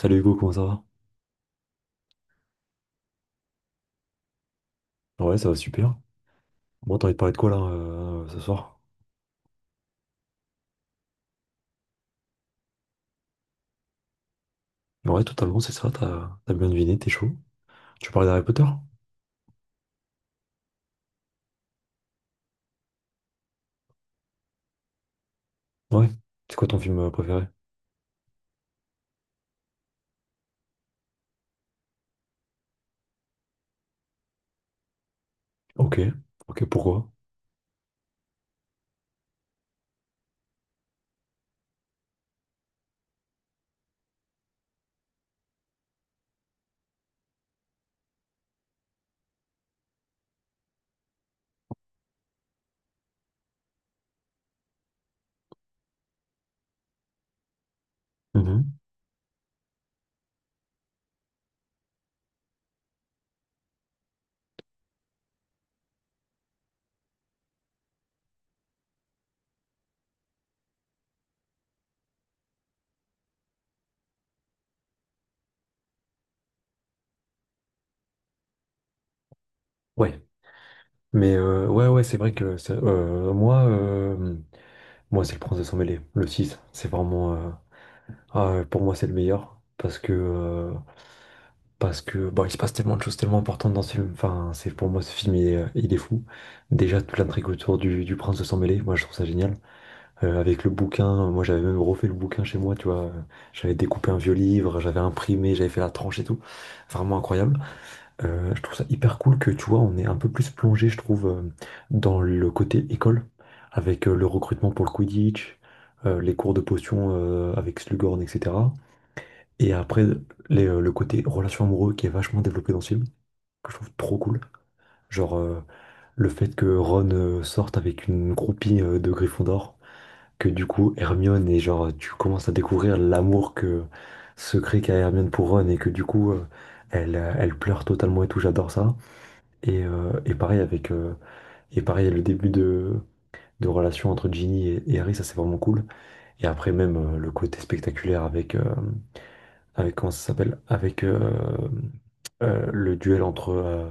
Salut Hugo, comment ça va? Ouais, ça va super. Bon, t'as envie de parler de quoi là ce soir? Ouais, totalement, c'est ça, t'as bien deviné, t'es chaud. Tu veux parler d'Harry Potter? Ouais. C'est quoi ton film préféré? Ok, ok, pourquoi? Mhm. Ouais. Mais ouais, ouais, c'est vrai que moi c'est le Princesse Emmêlée, le six. C'est vraiment. Pour moi, c'est le meilleur. Parce que. Bon, il se passe tellement de choses tellement importantes dans ce film. Enfin, c'est pour moi, ce film, il est fou. Déjà, toute l'intrigue autour du Prince de Sang-Mêlé, moi, je trouve ça génial. Avec le bouquin. Moi, j'avais même refait le bouquin chez moi, tu vois. J'avais découpé un vieux livre, j'avais imprimé, j'avais fait la tranche et tout. Vraiment incroyable. Je trouve ça hyper cool que, tu vois, on est un peu plus plongé, je trouve, dans le côté école, avec le recrutement pour le Quidditch, les cours de potions avec Slughorn, etc. Et après, le côté relation amoureuse qui est vachement développé dans ce film, que je trouve trop cool. Genre, le fait que Ron sorte avec une groupie de Gryffondor, que du coup Hermione et genre tu commences à découvrir l'amour que secret qu'a Hermione pour Ron et que du coup elle pleure totalement et tout, j'adore ça. Et, euh, et pareil avec euh, et pareil le début de relation entre Ginny et Harry, ça c'est vraiment cool. Et après même le côté spectaculaire avec comment ça s'appelle? Avec le duel entre euh,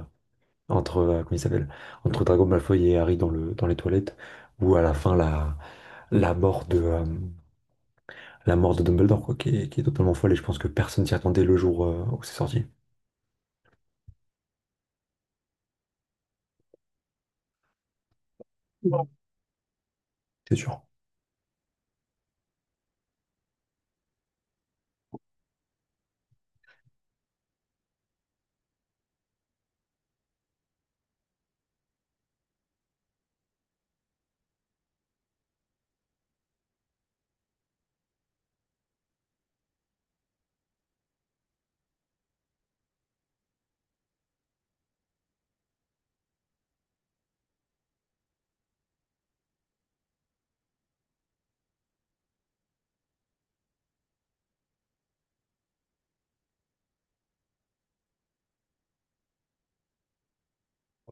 entre euh, comment il s'appelle? Entre Drago Malfoy et Harry dans le dans les toilettes où à la fin la mort de euh, la mort de Dumbledore, quoi, qui est totalement folle, et je pense que personne s'y attendait le jour où c'est sorti, c'est sûr.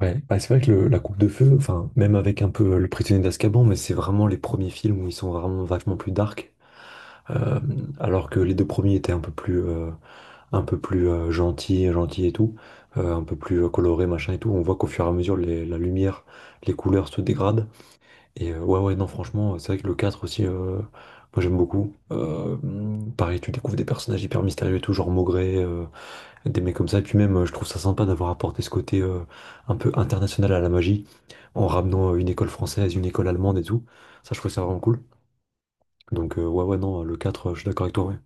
Ouais, bah, c'est vrai que la coupe de feu, enfin, même avec un peu Le Prisonnier d'Azkaban, mais c'est vraiment les premiers films où ils sont vraiment vachement plus dark, euh, alors que les deux premiers étaient un peu plus gentils, gentils et tout, un peu plus colorés, machin et tout. On voit qu'au fur et à mesure, la lumière, les couleurs se dégradent. Et ouais, ouais, non, franchement, c'est vrai que le 4 aussi, moi j'aime beaucoup. Pareil, tu découvres des personnages hyper mystérieux et tout, genre Maugré. Des mecs comme ça. Et puis même, je trouve ça sympa d'avoir apporté ce côté un peu international à la magie, en ramenant une école française, une école allemande et tout. Ça, je trouve ça vraiment cool. Donc, ouais, ouais, non, le 4 je suis d'accord avec toi, ouais.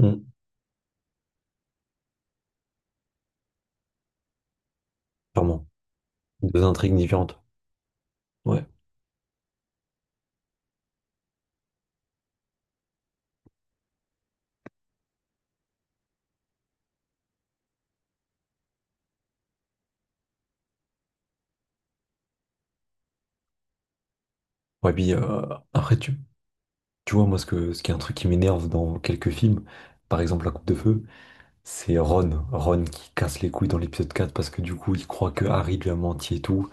Mm. Clairement. Deux intrigues différentes. Ouais. Ouais, puis après, tu vois, moi, ce qui est un truc qui m'énerve dans quelques films, par exemple La Coupe de Feu, c'est Ron. Ron qui casse les couilles dans l'épisode 4 parce que du coup, il croit que Harry lui a menti et tout.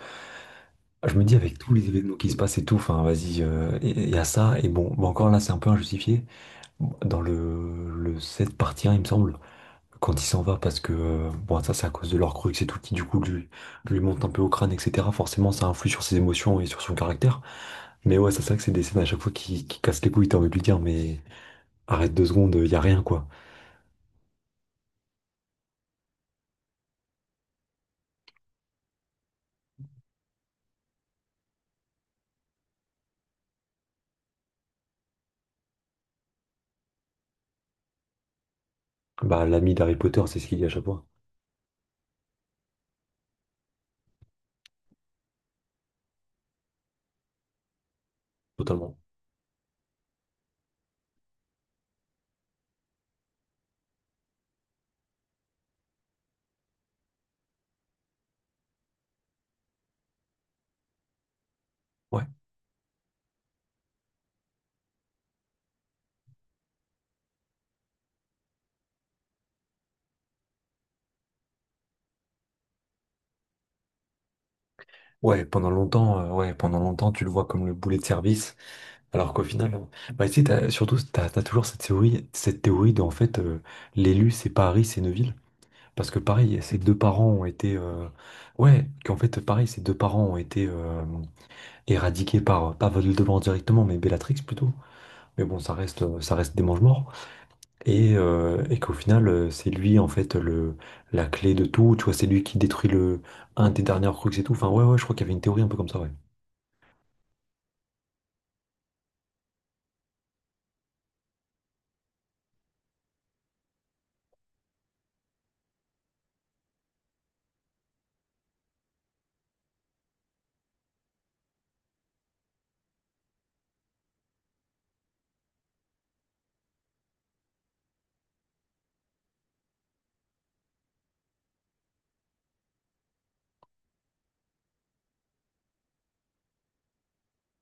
Ah, je me dis avec tous les événements qui se passent et tout, enfin vas-y, il y a ça, et bon, bah encore là c'est un peu injustifié. Dans le 7 partie 1, il me semble, quand il s'en va, parce que bon ça c'est à cause de leur crux et tout, qui du coup lui monte un peu au crâne, etc. Forcément ça influe sur ses émotions et sur son caractère. Mais ouais, c'est ça que c'est des scènes à chaque fois qui cassent les couilles, t'as envie de lui dire, mais arrête 2 secondes, il y a rien quoi. Bah l'ami d'Harry Potter, c'est ce qu'il dit à chaque fois, totalement. Ouais. Ouais, pendant longtemps, tu le vois comme le boulet de service. Alors qu'au final, bah, tu sais, surtout, t'as, toujours cette théorie, de, en fait, l'élu, c'est Paris, c'est Neuville. Parce que pareil, ses deux parents ont été... ouais, qu'en fait, pareil, ses deux parents ont été éradiqués par, pas Voldemort directement, mais Bellatrix plutôt. Mais bon, ça reste des mange-morts. Et qu'au final, c'est lui, en fait, la clé de tout. Tu vois, c'est lui qui détruit un des derniers Horcruxes et tout. Enfin, ouais, ouais, je crois qu'il y avait une théorie un peu comme ça, ouais.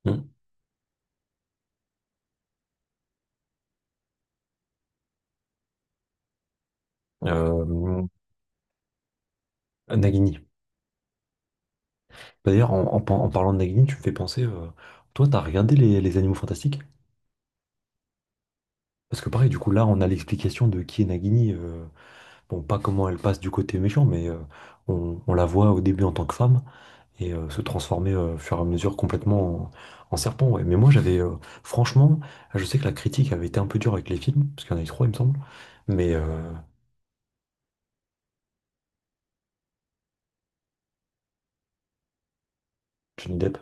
Hum. Euh, Nagini. D'ailleurs, en parlant de Nagini, tu me fais penser, toi, t'as regardé les Animaux Fantastiques? Parce que pareil, du coup, là, on a l'explication de qui est Nagini. Bon, pas comment elle passe du côté méchant, mais on la voit au début en tant que femme et se transformer au fur et à mesure complètement en serpent. Ouais. Mais moi, j'avais, franchement, je sais que la critique avait été un peu dure avec les films, parce qu'il y en a eu trois, il me semble. Mais Johnny Depp.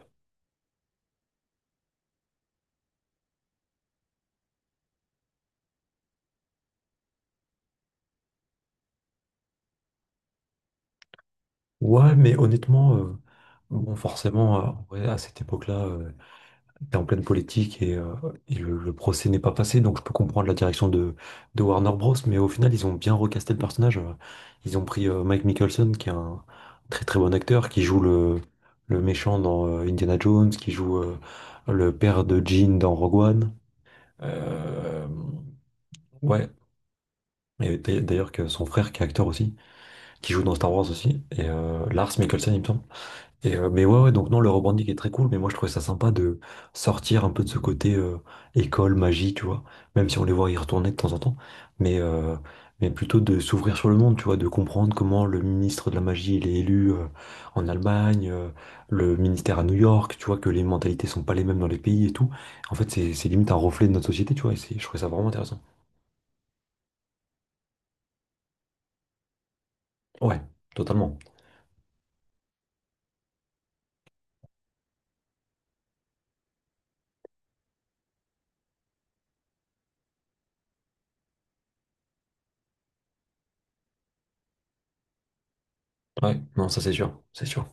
Ouais, mais honnêtement, bon, forcément, ouais, à cette époque-là. T'es en pleine politique et le procès n'est pas passé, donc je peux comprendre la direction de Warner Bros. Mais au final, ils ont bien recasté le personnage. Ils ont pris Mike Mickelson, qui est un très très bon acteur, qui joue le méchant dans Indiana Jones, qui joue le père de Jean dans Rogue One. Euh, ouais, et d'ailleurs que son frère qui est acteur aussi, qui joue dans Star Wars aussi, et Lars Mikkelsen, il me semble. Mais ouais, ouais, donc non, le rebranding est très cool, mais moi je trouvais ça sympa de sortir un peu de ce côté école, magie, tu vois, même si on les voit y retourner de temps en temps, mais, euh, mais plutôt de s'ouvrir sur le monde, tu vois, de comprendre comment le ministre de la magie il est élu en Allemagne, le ministère à New York, tu vois, que les mentalités sont pas les mêmes dans les pays et tout. En fait, c'est limite un reflet de notre société, tu vois, je trouvais ça vraiment intéressant. Ouais, totalement. Ouais, non, ça c'est sûr, c'est sûr.